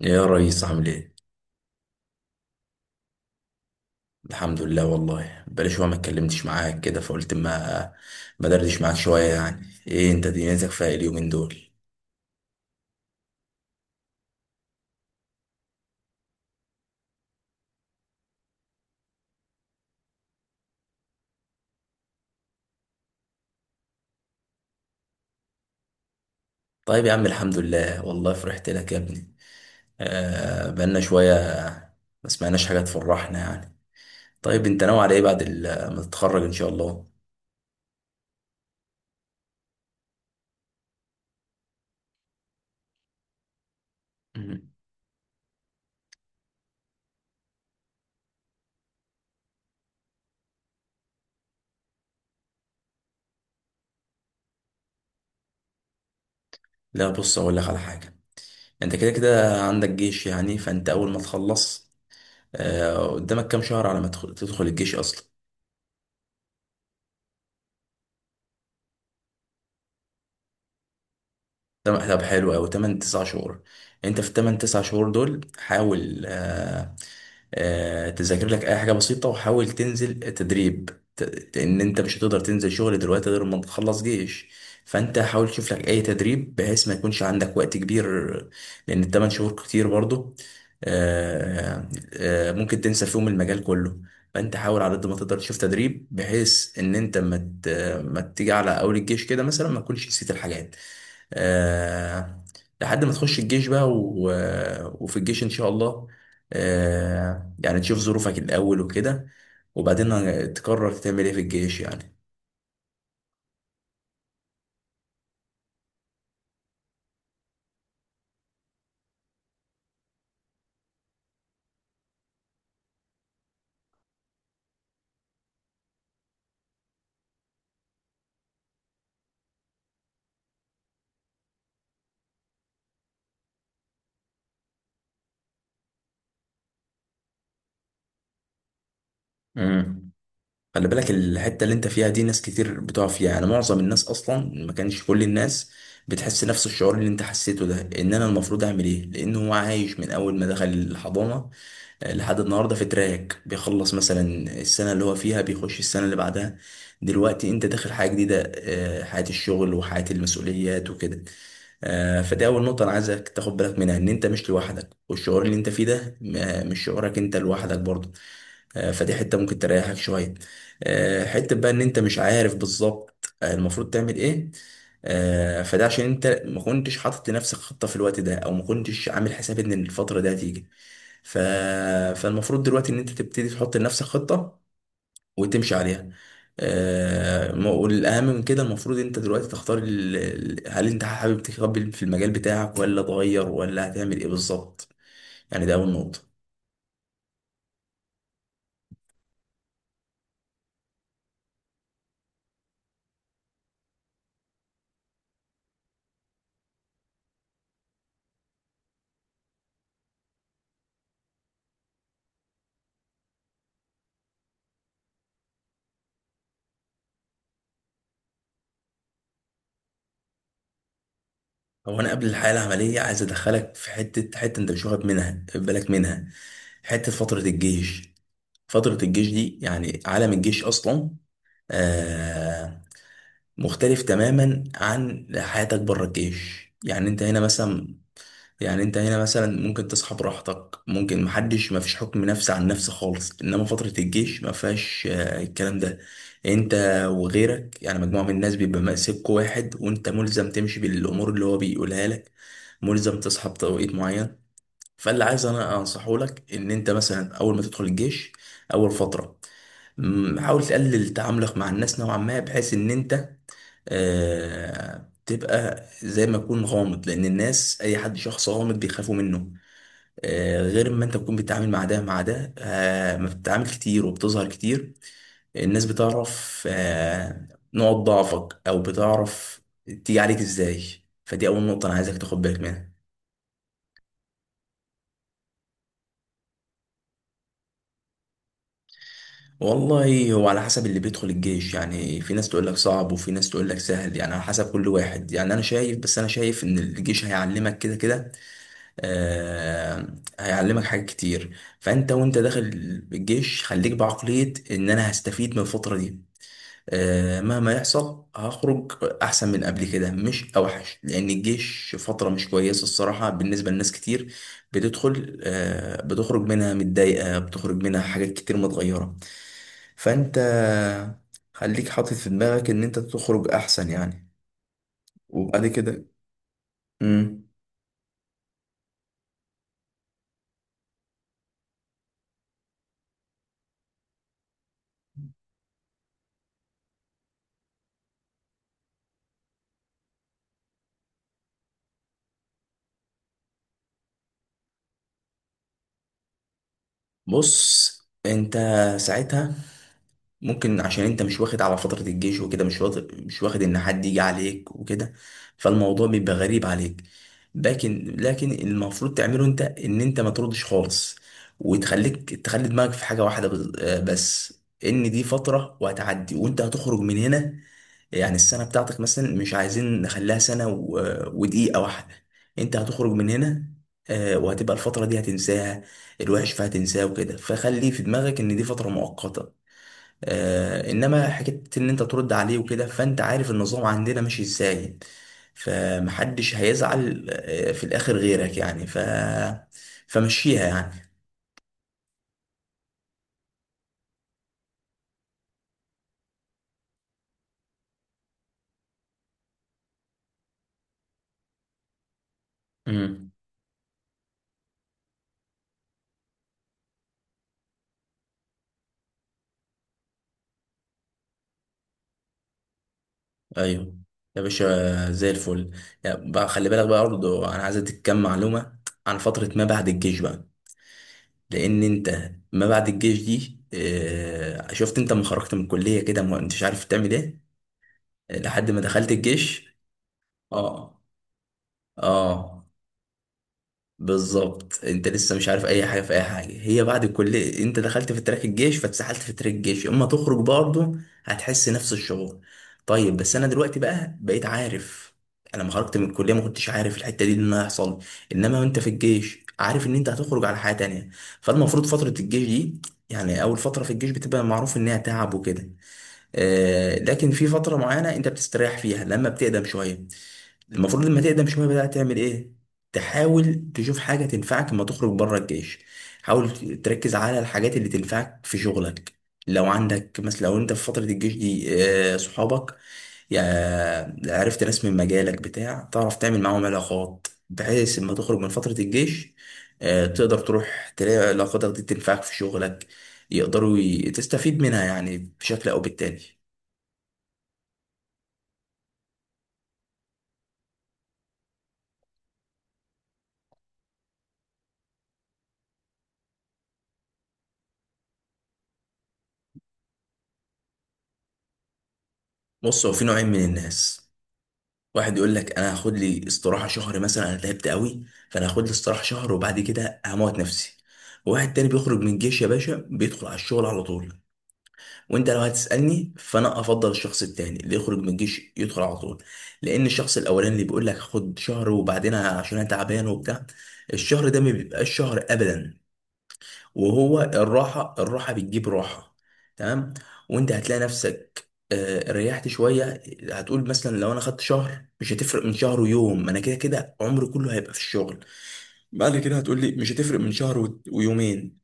يا ريس، عامل ايه؟ الحمد لله والله. بقالي شويه ما اتكلمتش معاك كده فقلت ما دردش معاك شويه يعني. ايه انت دنيتك فيها إيه اليومين دول؟ طيب يا عم، الحمد لله والله، فرحت لك يا ابني. بقالنا شويه ما سمعناش حاجه تفرحنا يعني. طيب انت ناوي على ايه بعد ما تتخرج ان شاء الله؟ مم. لا، بص اقول لك على حاجه. انت كده كده عندك جيش، يعني فانت اول ما تخلص قدامك كام شهر على ما تدخل الجيش اصلا. طب طب، حلو أوي 8 9 شهور. أنت في ال8 9 شهور دول حاول، تذاكر لك أي حاجة بسيطة وحاول تنزل تدريب. إن أنت مش هتقدر تنزل شغل دلوقتي غير ما تخلص جيش، فأنت حاول تشوف لك أي تدريب بحيث ما يكونش عندك وقت كبير، لأن ال8 شهور كتير برضه. ممكن تنسى فيهم المجال كله. فأنت حاول على قد ما تقدر تشوف تدريب بحيث إن أنت ما تيجي على أول الجيش كده مثلا ما تكونش نسيت الحاجات، آه، لحد ما تخش الجيش بقى وفي الجيش ان شاء الله، آه، يعني تشوف ظروفك الاول وكده، وبعدين تقرر تعمل ايه في الجيش يعني. امم خلي بالك، الحتة اللي انت فيها دي ناس كتير بتقع فيها، يعني معظم الناس اصلا، ما كانش كل الناس بتحس نفس الشعور اللي انت حسيته ده، ان انا المفروض اعمل ايه، لان هو عايش من اول ما دخل الحضانة لحد النهارده في تراك بيخلص مثلا السنه اللي هو فيها بيخش السنه اللي بعدها. دلوقتي انت داخل حياه جديده، آه، حياه الشغل وحياه المسؤوليات وكده. آه، فدي اول نقطه انا عايزك تاخد بالك منها، ان انت مش لوحدك، والشعور اللي انت فيه ده مش شعورك انت لوحدك برضه. آه، فدي حته ممكن تريحك شويه. آه، حته بقى ان انت مش عارف بالظبط، آه، المفروض تعمل ايه. آه، فده عشان انت ما كنتش حاطط لنفسك خطه في الوقت ده، او ما كنتش عامل حساب ان الفتره دي هتيجي. ف... فالمفروض دلوقتي ان انت تبتدي تحط لنفسك خطة وتمشي عليها. آه، والاهم من كده المفروض انت دلوقتي تختار هل انت حابب تكمل في المجال بتاعك ولا تغير ولا هتعمل ايه بالظبط؟ يعني ده اول نقطة. هو انا قبل الحياة العملية عايز ادخلك في حتة، حتة انت مش واخد منها بالك منها، حتة فترة الجيش. فترة الجيش دي يعني عالم الجيش أصلا، آه، مختلف تماما عن حياتك بره الجيش. يعني أنت هنا مثلا، يعني انت هنا مثلا ممكن تصحى براحتك، ممكن محدش، مفيش حكم نفس عن نفس خالص، انما فترة الجيش مفيهاش، آه، الكلام ده. انت وغيرك، يعني مجموعة من الناس بيبقى مأسكوا واحد وانت ملزم تمشي بالامور اللي هو بيقولها لك، ملزم تصحى بتوقيت معين. فاللي عايز انا انصحه لك ان انت مثلا اول ما تدخل الجيش، اول فترة، حاول تقلل تعاملك مع الناس نوعا ما بحيث ان انت، آه، تبقى زي ما تكون غامض، لان الناس اي حد شخص غامض بيخافوا منه. آه، غير ما انت تكون بتتعامل مع ده مع ده، آه، ما بتتعامل كتير وبتظهر كتير. الناس بتعرف، آه، نقط ضعفك، او بتعرف تيجي عليك ازاي. فدي اول نقطة انا عايزك تاخد بالك منها. والله هو على حسب اللي بيدخل الجيش. يعني في ناس تقول لك صعب، وفي ناس تقول لك سهل. يعني على حسب كل واحد. يعني انا شايف، بس انا شايف ان الجيش هيعلمك كده كده، آه، هيعلمك حاجات كتير. فانت وانت داخل الجيش خليك بعقلية ان انا هستفيد من الفترة دي. آه، مهما يحصل هخرج احسن من قبل كده، مش اوحش، لان الجيش فتره مش كويسه الصراحه بالنسبه لناس كتير بتدخل، آه، بتخرج منها متضايقه، بتخرج منها حاجات كتير متغيره. فانت خليك حاطط في دماغك ان انت تخرج احسن يعني، وبعد كده. مم. بص، انت ساعتها ممكن عشان انت مش واخد على فترة الجيش وكده، مش واخد ان حد يجي عليك وكده، فالموضوع بيبقى غريب عليك. لكن المفروض تعمله انت ان انت ما تردش خالص، وتخليك، تخلي دماغك في حاجة واحدة آه، بس، ان دي فترة وهتعدي وانت هتخرج من هنا. يعني السنة بتاعتك مثلا مش عايزين نخليها سنة آه، ودقيقة واحدة. انت هتخرج من هنا، آه، وهتبقى الفترة دي هتنساها، الوحش فيها تنساه وكده. فخلي في دماغك ان دي فترة مؤقتة. آه، انما حكايه ان انت ترد عليه وكده، فانت عارف النظام عندنا ماشي ازاي، فمحدش هيزعل، آه، في الاخر غيرك يعني. فمشيها يعني. امم ايوه يا باشا، زي الفل. يعني بقى، خلي بالك بقى برضه، انا عايز اديك كام معلومه عن فتره ما بعد الجيش بقى. لان انت ما بعد الجيش دي، آه، شفت انت لما خرجت من الكليه كده ما انتش عارف تعمل ايه لحد ما دخلت الجيش. اه، اه، بالظبط. انت لسه مش عارف اي حاجه في اي حاجه، هي بعد الكليه انت دخلت في تراك الجيش، فاتسحلت في تراك الجيش، اما تخرج برضه هتحس نفس الشعور. طيب بس انا دلوقتي بقى بقيت عارف. انا لما خرجت من الكليه ما كنتش عارف الحته دي ان هيحصل، انما وانت في الجيش عارف ان انت هتخرج على حياه تانية. فالمفروض فتره الجيش دي، يعني اول فتره في الجيش بتبقى معروف انها تعب وكده، آه، لكن في فتره معينه انت بتستريح فيها لما بتقدم شويه. المفروض لما تقدم شوية بقى تعمل ايه؟ تحاول تشوف حاجة تنفعك لما تخرج بره الجيش. حاول تركز على الحاجات اللي تنفعك في شغلك. لو عندك مثلا، لو انت في فترة الجيش دي، آه، صحابك، يعني عرفت ناس من مجالك بتاع، تعرف تعمل معاهم علاقات بحيث لما تخرج من فترة الجيش، آه، تقدر تروح تلاقي علاقاتك دي تنفعك في شغلك، يقدروا، تستفيد منها يعني بشكل او بالتاني. بص، هو في نوعين من الناس. واحد يقول لك انا هاخد لي استراحه شهر مثلا، انا تعبت قوي فانا هاخد لي استراحه شهر وبعد كده هموت نفسي. وواحد تاني بيخرج من الجيش يا باشا بيدخل على الشغل على طول. وانت لو هتسالني فانا افضل الشخص التاني اللي يخرج من الجيش يدخل على طول. لان الشخص الاولاني اللي بيقول لك خد شهر وبعدين عشان انا تعبان وبتاع، الشهر ده ما بيبقاش شهر ابدا. وهو الراحة، الراحة بتجيب راحة. تمام. وانت هتلاقي نفسك، آه، ريحت شوية، هتقول مثلا لو انا خدت شهر مش هتفرق من شهر ويوم، ما انا كده كده عمري كله هيبقى في الشغل. بعد كده هتقول لي مش هتفرق من شهر ويومين.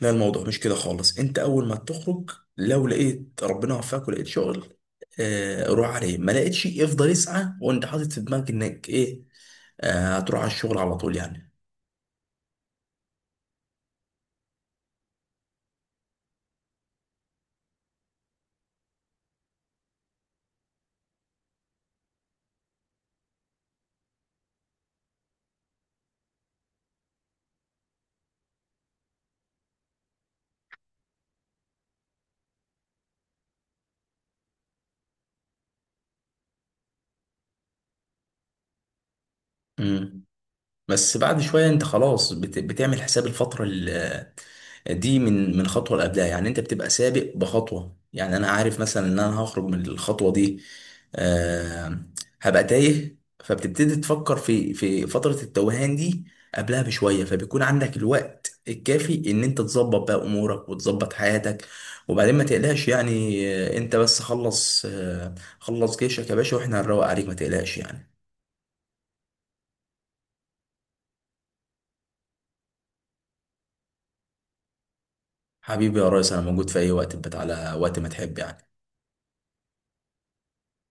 لا، الموضوع مش كده خالص. انت اول ما تخرج لو لقيت ربنا وفقك ولقيت شغل، آه، روح عليه. ما لقيتش افضل اسعى وانت حاطط في دماغك انك ايه، آه، هتروح على الشغل على طول يعني. مم. بس بعد شوية انت خلاص بتعمل حساب الفترة دي من خطوة اللي قبلها، يعني انت بتبقى سابق بخطوة. يعني انا عارف مثلا ان انا هخرج من الخطوة دي، آه... هبقى تايه، فبتبتدي تفكر في فترة التوهان دي قبلها بشوية، فبيكون عندك الوقت الكافي ان انت تظبط بقى امورك وتظبط حياتك. وبعدين ما تقلقش يعني. آه، انت بس خلص، آه، خلص جيشك يا باشا واحنا هنروق عليك، ما تقلقش يعني. حبيبي يا ريس، انا موجود في اي وقت، بتاع على وقت ما تحب يعني.